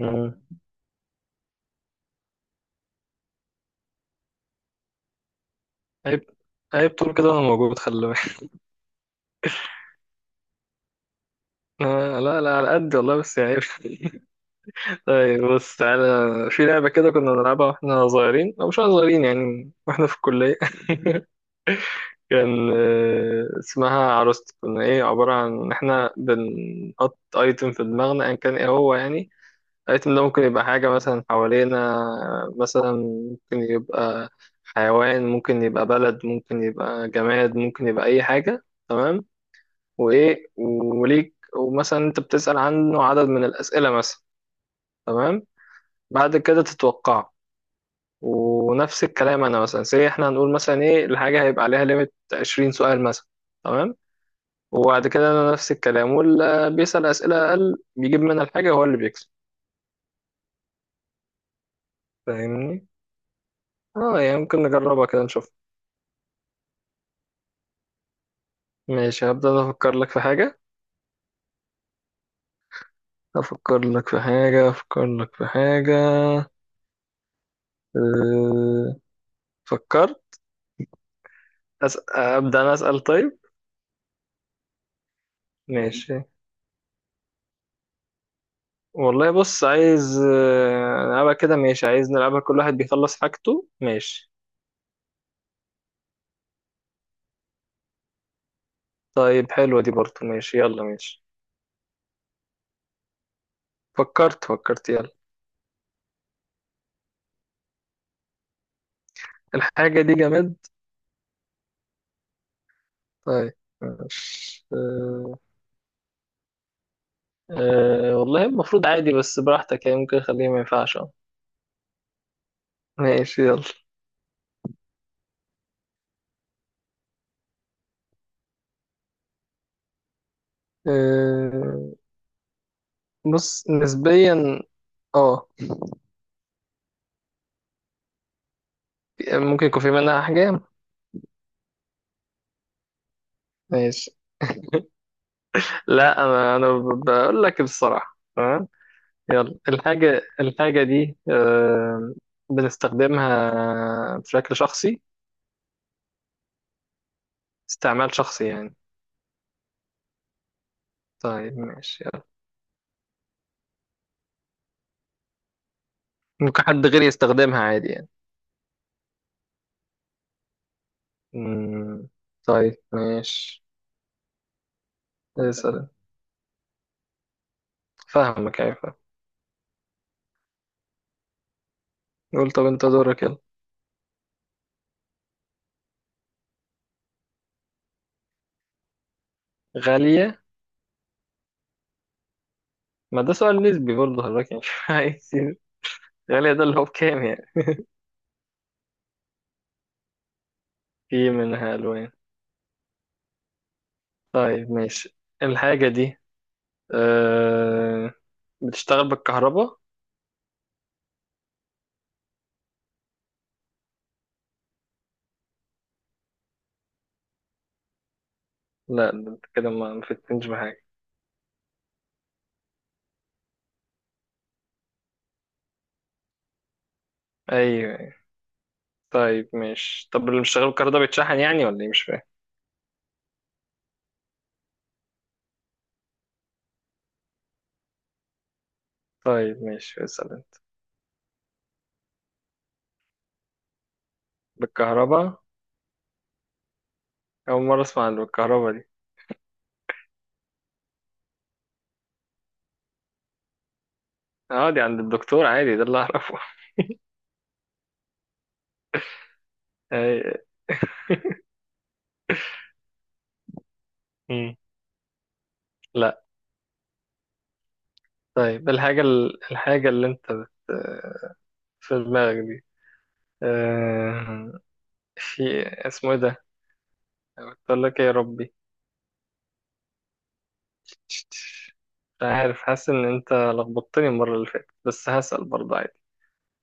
آه. عيب عيب طول كده انا موجود، خلي بالك. لا لا، على قد والله، بس يعني عيب. طيب بص تعالى. في لعبة كده كنا بنلعبها واحنا صغيرين او مش صغيرين، يعني واحنا في الكلية. كان اسمها عروست. كنا ايه، عبارة عن ان احنا بنحط ايتم في دماغنا ان كان ايه هو، يعني الايتم ده ممكن يبقى حاجة مثلا حوالينا. مثلا ممكن يبقى حيوان، ممكن يبقى بلد، ممكن يبقى جماد، ممكن يبقى اي حاجة. تمام. وايه، وليك ومثلا انت بتسأل عنه عدد من الأسئلة مثلا. تمام. بعد كده تتوقعه. ونفس الكلام انا مثلا، سي احنا هنقول مثلا ايه الحاجة، هيبقى عليها ليميت 20 سؤال مثلا. تمام. وبعد كده انا نفس الكلام، واللي بيسأل أسئلة أقل بيجيب منها الحاجة هو اللي بيكسب. فاهمني؟ اه، يعني ممكن نجربها كده نشوف. ماشي، هبدأ أنا أفكر لك في حاجة أفكر لك في حاجة أفكر لك في حاجة. أه... فكرت. أبدأ أنا أسأل. طيب، ماشي. والله بص، عايز نلعبها كده، ماشي؟ عايز نلعبها كل واحد بيخلص حاجته، ماشي. طيب، حلوة دي برضه، ماشي، يلا، ماشي. فكرت، يلا. الحاجة دي جماد. طيب، ماشي، أه. أه، والله المفروض عادي، بس براحتك يعني، ممكن خليه ما ينفعش، اه. ماشي، يلا، أه، بص نسبيا. اه، ممكن يكون في منها أحجام. ماشي، لا، أنا بقول لك بصراحة، تمام. يلا، الحاجة دي بنستخدمها بشكل شخصي. استعمال شخصي يعني. طيب، ماشي، يلا. ممكن حد غيري يستخدمها عادي يعني. مم، طيب، ماشي. اسأل. فاهمك، أيوة، فاهم. قول، طب أنت دورك، يلا. غالية. ما ده سؤال نسبي برضه حضرتك يعني. عايز غالية، ده اللي هو بكام يعني؟ في منها ألوان. طيب، ماشي. الحاجة دي أه... بتشتغل بالكهرباء؟ لا، ده انت كده ما فتنتش بحاجة. ايوه. طيب، ماشي، طب اللي مش شغال بالكهرباء ده بيتشحن يعني ولا ايه؟ مش فاهم. طيب، ماشي، اسأل انت. بالكهرباء؟ أول مرة أسمع عن بالكهرباء دي. اه، دي عند الدكتور عادي، ده اللي أعرفه. أي- مم. لا. طيب الحاجة الحاجة اللي انت في دماغك دي، آه، في، اسمه ايه ده، قلت لك ايه يا ربي؟ مش عارف، حاسس ان انت لخبطتني المرة اللي فاتت، بس هسأل برضه عادي.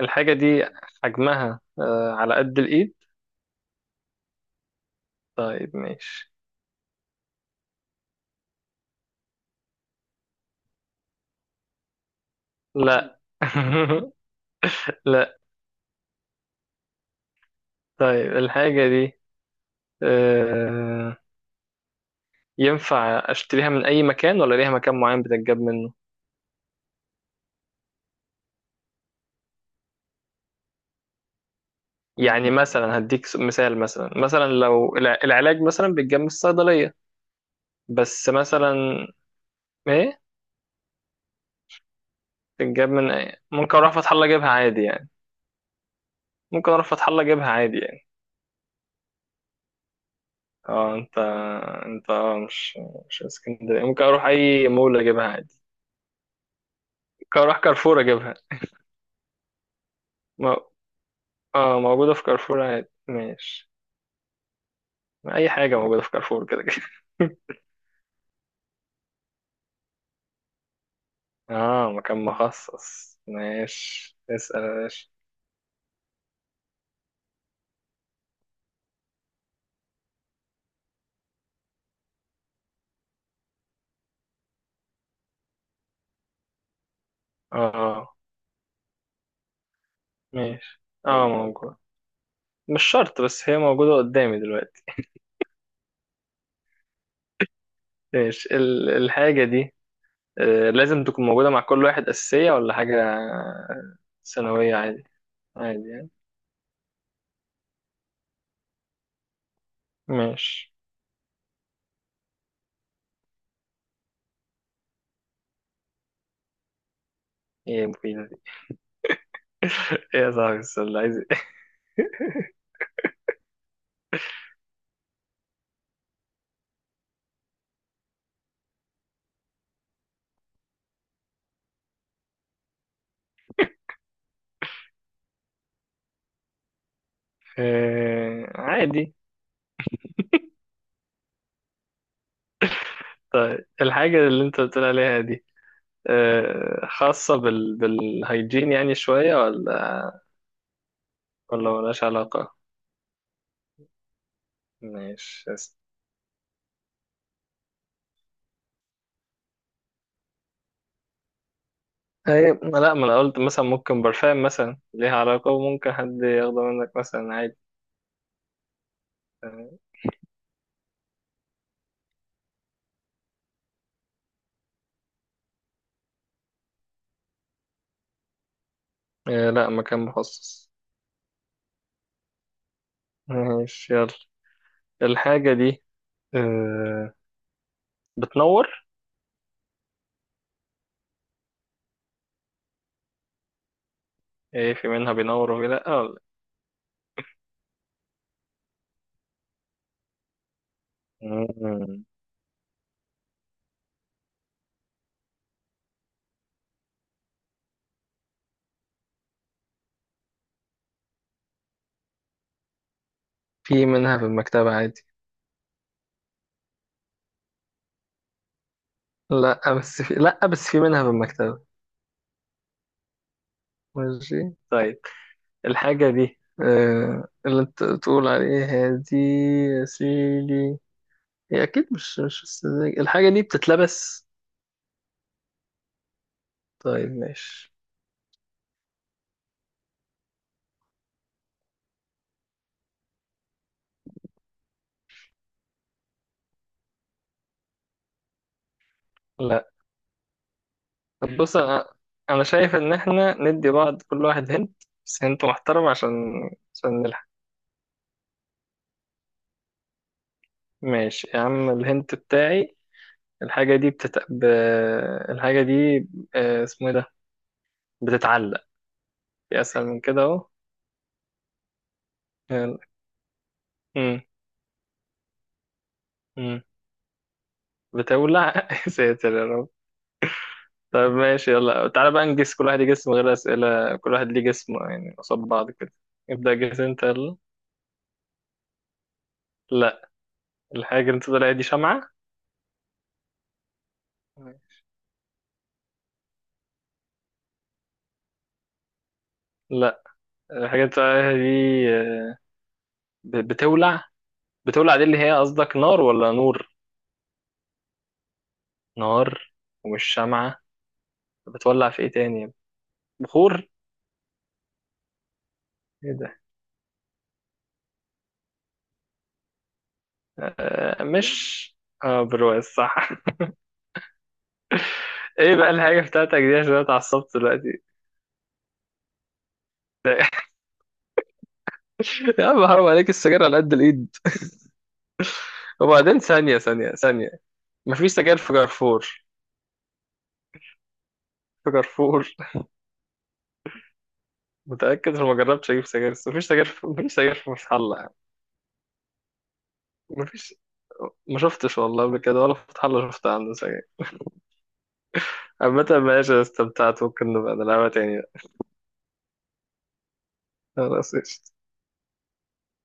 الحاجة دي حجمها على قد الايد؟ طيب، ماشي. لا. لا. طيب الحاجة دي آه، ينفع أشتريها من أي مكان ولا ليها مكان معين بتتجاب منه؟ يعني مثلا هديك مثال، مثلا لو العلاج مثلا بيتجاب من الصيدلية. بس مثلا. إيه؟ ممكن أروح فتح الله أجيبها عادي يعني. ممكن أروح فتح الله أجيبها عادي يعني. اه، انت مش اسكندرية، ممكن أروح أي مول أجيبها عادي. ممكن أروح كارفور أجيبها. م... اه، موجودة في كارفور عادي. ماشي، اي حاجه موجوده في كارفور كده كده. اه، مكان مخصص، ماشي، اسال يا باشا. اه، ماشي، اه، موجود. مش شرط، بس هي موجوده قدامي دلوقتي. ماشي، الحاجه دي لازم تكون موجوده مع كل واحد، اساسيه ولا حاجه ثانويه؟ عادي، عادي يعني. ماشي. ايه مفيدة دي؟ ايه يا صاحبي، السؤال ده عايز إيه؟ آه، عادي. طيب الحاجة اللي انت بتقول عليها دي خاصة بالهيجين يعني شوية، ولا؟ ولا ملهاش علاقة. ماشي بس. هي لا، ما انا قلت مثلا ممكن برفان مثلا ليها علاقة وممكن حد ياخده منك مثلا عادي. آه، لا، مكان مخصص. ماشي، يلا. الحاجة دي آه، بتنور؟ ايه، في منها بينور وفي لا؟ ولا. مم. في منها في المكتبة عادي. لا بس في منها في المكتبة. ماشي، طيب. الحاجة دي اللي انت تقول عليها دي يا سيدي، هي أكيد مش السذاجة. الحاجة دي بتتلبس؟ طيب، ماشي. لا. طب بص، أنا شايف إن إحنا ندي بعض كل واحد هنت، بس هنت محترم، عشان نلحق. ماشي يا عم، الهنت بتاعي. الحاجة دي الحاجة دي اسمه إيه ده، بتتعلق، في أسهل من كده أهو. يلا. مم. مم. بتولع. يا ساتر يا رب. طيب، ماشي، يلا تعالى بقى نجس. كل واحد يجس من غير أسئلة، كل واحد ليه جسم يعني قصاد بعض كده. ابدأ جس انت، يلا. لا. الحاجة اللي انت طالعها دي شمعة. لا. الحاجة اللي انت طالعها دي بتولع. بتولع دي اللي هي قصدك نار ولا نور؟ نار. ومش شمعة. بتولع في ايه تاني؟ بخور؟ ايه ده؟ آه مش اه، برواز، صح. ايه بقى الحاجة بتاعتك دي، عشان أنا اتعصبت دلوقتي. يا عم حرام عليك، السجاير على قد الايد. وبعدين ثانية ثانية ثانية، مفيش سجاير في كارفور؟ في كارفور. متأكد، انا ما جربتش اجيب سجاير، بس مفيش سجاير في فتح الله يعني. مفيش، ما شفتش والله قبل كده ولا في فتح الله شفت عنده سجاير. عامة، ماشي، استمتعت، ممكن نبقى نلعبها تاني. خلاص، قشطة.